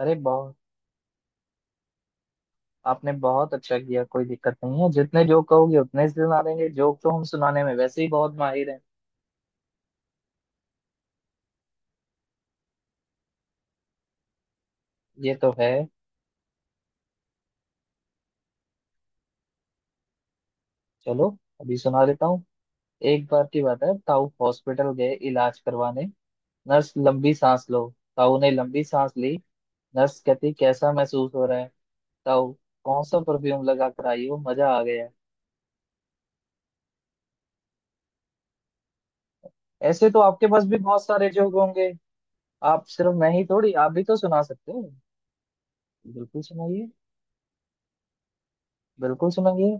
अरे बहुत। आपने बहुत अच्छा किया। कोई दिक्कत नहीं है, जितने जोक कहोगे उतने ही सुना देंगे। जोक तो हम सुनाने में वैसे ही बहुत माहिर हैं। ये तो है। चलो अभी सुना देता हूँ। एक बार की बात है, ताऊ हॉस्पिटल गए इलाज करवाने। नर्स, लंबी सांस लो। ताऊ ने लंबी सांस ली। नर्स कहती, कैसा महसूस हो रहा है ताऊ? कौन सा परफ्यूम लगा कर आई हो, मजा आ गया। ऐसे तो आपके पास भी बहुत सारे जोक होंगे। आप सिर्फ, मैं ही थोड़ी आप भी तो सुना सकते हो। बिल्कुल सुनाइए। बिल्कुल सुनाइए।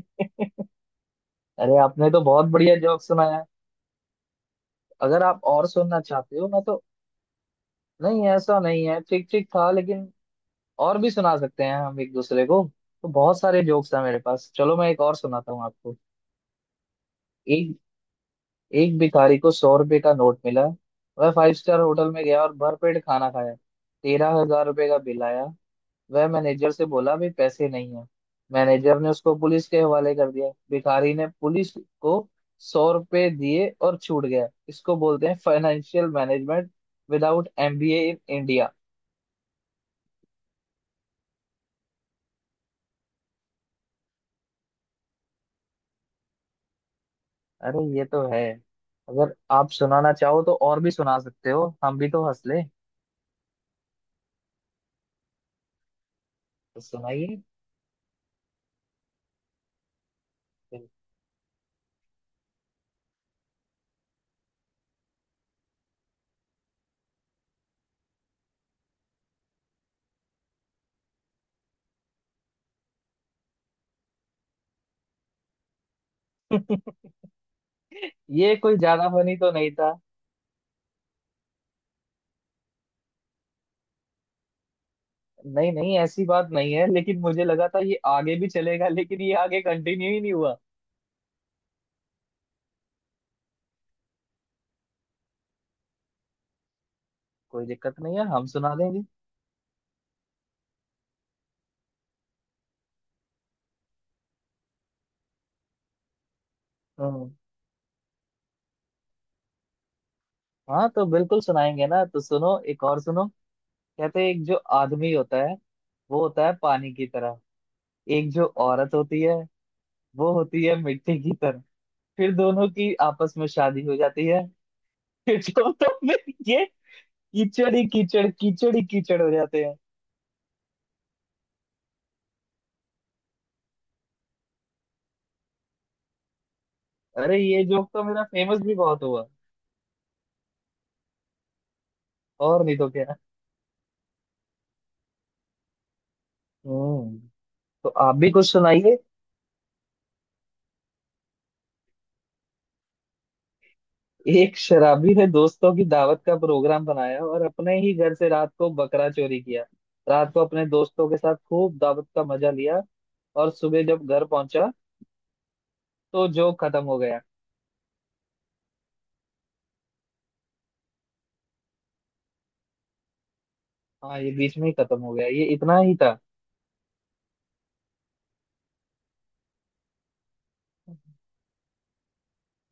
अरे आपने तो बहुत बढ़िया जोक सुनाया। अगर आप और सुनना चाहते हो मैं तो। नहीं, ऐसा नहीं है, ठीक ठीक था लेकिन और भी सुना सकते हैं हम एक दूसरे को। तो बहुत सारे जोक्स हैं मेरे पास, चलो मैं एक और सुनाता हूँ आपको। एक एक भिखारी को 100 रुपये का नोट मिला। वह 5 स्टार होटल में गया और भरपेट खाना खाया। 13,000 रुपये का बिल आया। वह मैनेजर से बोला भी पैसे नहीं है। मैनेजर ने उसको पुलिस के हवाले कर दिया। भिखारी ने पुलिस को 100 रुपए दिए और छूट गया। इसको बोलते हैं फाइनेंशियल मैनेजमेंट विदाउट MBA इन इंडिया। अरे ये तो है। अगर आप सुनाना चाहो तो और भी सुना सकते हो, हम भी तो हंस ले। तो सुनाइए फिर। ये कोई ज्यादा फनी तो नहीं था। नहीं नहीं, ऐसी बात नहीं है, लेकिन मुझे लगा था ये आगे भी चलेगा, लेकिन ये आगे कंटिन्यू ही नहीं हुआ। कोई दिक्कत नहीं है, हम सुना देंगे। हम्म। हाँ तो बिल्कुल सुनाएंगे ना, तो सुनो एक और सुनो। कहते हैं एक जो आदमी होता है, वो होता है पानी की तरह। एक जो औरत होती है, वो होती है मिट्टी की तरह। फिर दोनों की आपस में शादी हो जाती है। फिर तो दोनों में ये कीचड़ ही कीचड़, कीचड़ ही कीचड़ हो जाते हैं। अरे ये जोक तो मेरा फेमस भी बहुत हुआ। और नहीं तो क्या। हम्म। तो आप भी कुछ सुनाइए। एक शराबी ने दोस्तों की दावत का प्रोग्राम बनाया और अपने ही घर से रात को बकरा चोरी किया। रात को अपने दोस्तों के साथ खूब दावत का मजा लिया। और सुबह जब घर पहुंचा तो जोक खत्म हो गया। हाँ, ये बीच में ही खत्म हो गया, ये इतना ही था।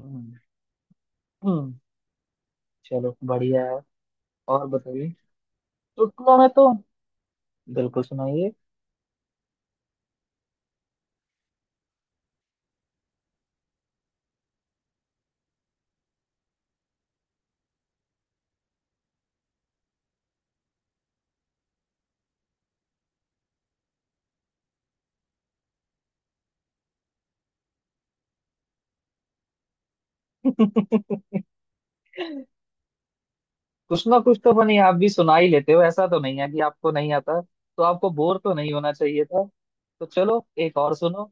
हम्म। हम्म। चलो बढ़िया है। और बताइए। चुटकुलों में तो बिल्कुल सुनाइए। कुछ ना कुछ तो बनी, आप भी सुना ही लेते हो, ऐसा तो नहीं है कि आपको नहीं आता, तो आपको बोर तो नहीं होना चाहिए था। तो चलो एक और सुनो।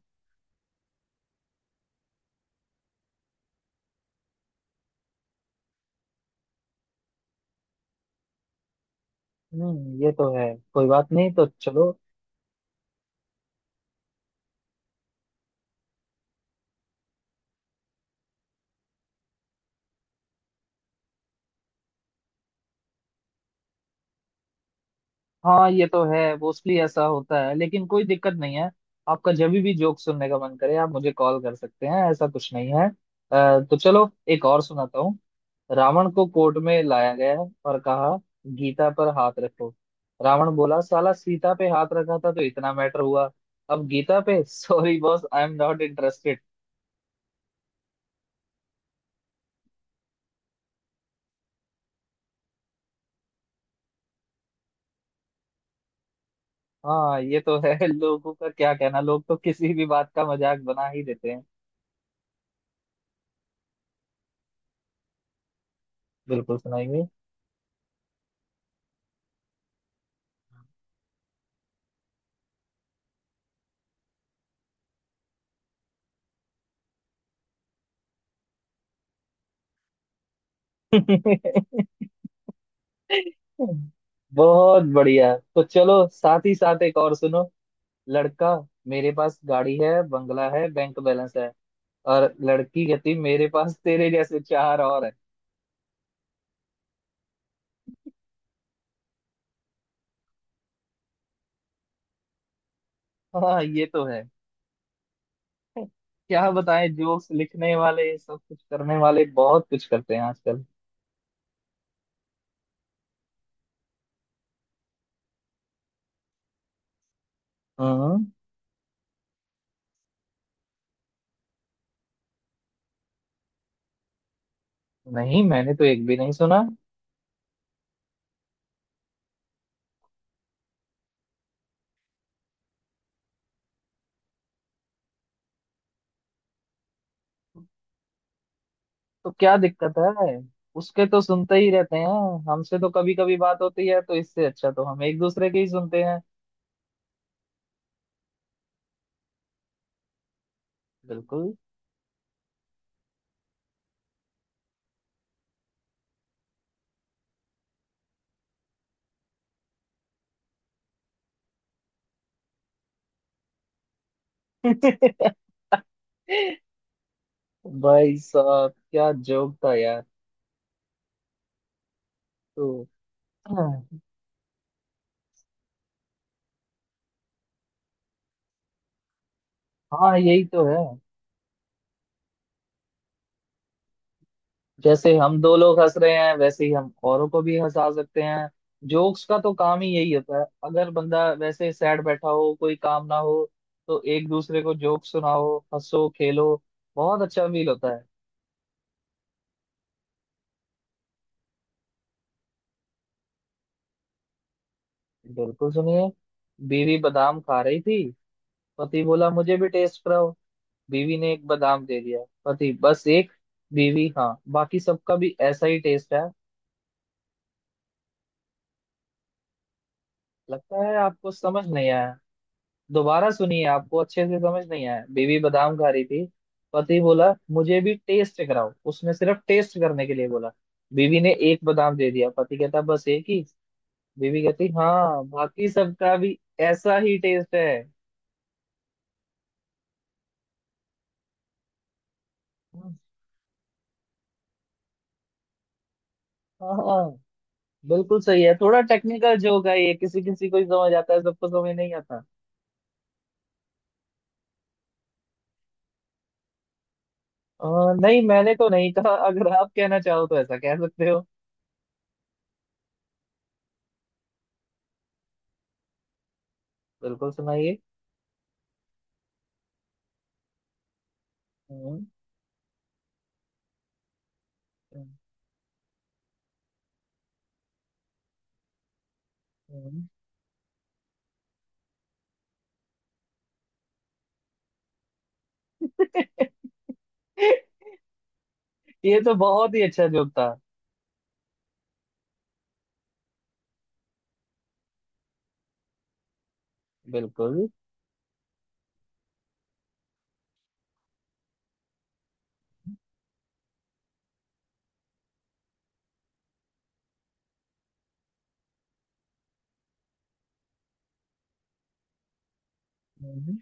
हम्म, ये तो है। कोई बात नहीं, तो चलो। हाँ ये तो है, मोस्टली ऐसा होता है, लेकिन कोई दिक्कत नहीं है। आपका जब भी जोक सुनने का मन करे आप मुझे कॉल कर सकते हैं, ऐसा कुछ नहीं है। तो चलो एक और सुनाता हूँ। रावण को कोर्ट में लाया गया और कहा गीता पर हाथ रखो। रावण बोला, साला सीता पे हाथ रखा था तो इतना मैटर हुआ, अब गीता पे sorry boss, I am not interested. हाँ ये तो है। लोगों का क्या कहना, लोग तो किसी भी बात का मजाक बना ही देते हैं। बिल्कुल सुनाइए। बहुत बढ़िया, तो चलो साथ ही साथ एक और सुनो। लड़का, मेरे पास गाड़ी है, बंगला है, बैंक बैलेंस है। और लड़की कहती, मेरे पास तेरे जैसे चार और है। हाँ ये तो है। क्या बताएं, जोक्स लिखने वाले सब कुछ करने वाले बहुत कुछ करते हैं आजकल। हम्म। नहीं, मैंने तो एक भी नहीं सुना। तो क्या दिक्कत है, उसके तो सुनते ही रहते हैं। हमसे तो कभी कभी बात होती है, तो इससे अच्छा तो हम एक दूसरे के ही सुनते हैं। बिल्कुल। भाई साहब क्या जोक था यार। तो हाँ, यही तो है। जैसे हम दो लोग हंस रहे हैं, वैसे ही हम औरों को भी हंसा सकते हैं। जोक्स का तो काम ही यही होता है, अगर बंदा वैसे सैड बैठा हो, कोई काम ना हो, तो एक दूसरे को जोक सुनाओ, हंसो, खेलो, बहुत अच्छा फील होता है। बिल्कुल सुनिए। बीवी बादाम खा रही थी। पति बोला, मुझे भी टेस्ट कराओ। बीवी ने एक बादाम दे दिया। पति, बस एक? बीवी, हाँ बाकी सबका भी ऐसा ही टेस्ट है। लगता है आपको समझ नहीं आया, दोबारा सुनिए, आपको अच्छे से समझ नहीं आया। बीवी बादाम खा रही थी, पति बोला मुझे भी टेस्ट कराओ, उसने सिर्फ टेस्ट करने के लिए बोला। बीवी ने एक बादाम दे दिया, पति कहता बस एक ही? बीवी कहती हाँ बाकी सबका भी ऐसा ही टेस्ट है। हाँ हाँ, बिल्कुल सही है। थोड़ा टेक्निकल जोक है ये, किसी किसी को ही समझ आता है, सबको समझ नहीं आता। अ, नहीं, मैंने तो नहीं कहा, अगर आप कहना चाहो तो ऐसा कह सकते हो। बिल्कुल सुनाइए। हम्म। हम्म। हम्म। ये तो बहुत ही अच्छा जोक था। बिल्कुल। हम्म।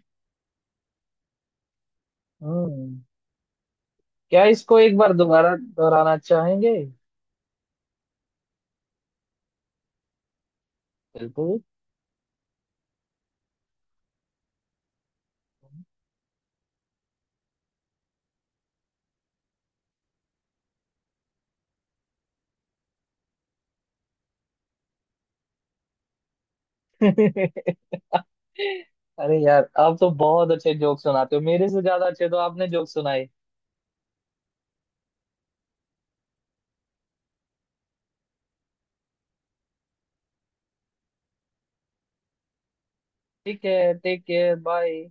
हम्म। क्या इसको एक बार दोबारा दोहराना चाहेंगे? बिल्कुल। अरे यार आप तो बहुत अच्छे जोक सुनाते हो, मेरे से ज्यादा अच्छे तो आपने जोक सुनाए। ठीक है, टेक केयर, बाय।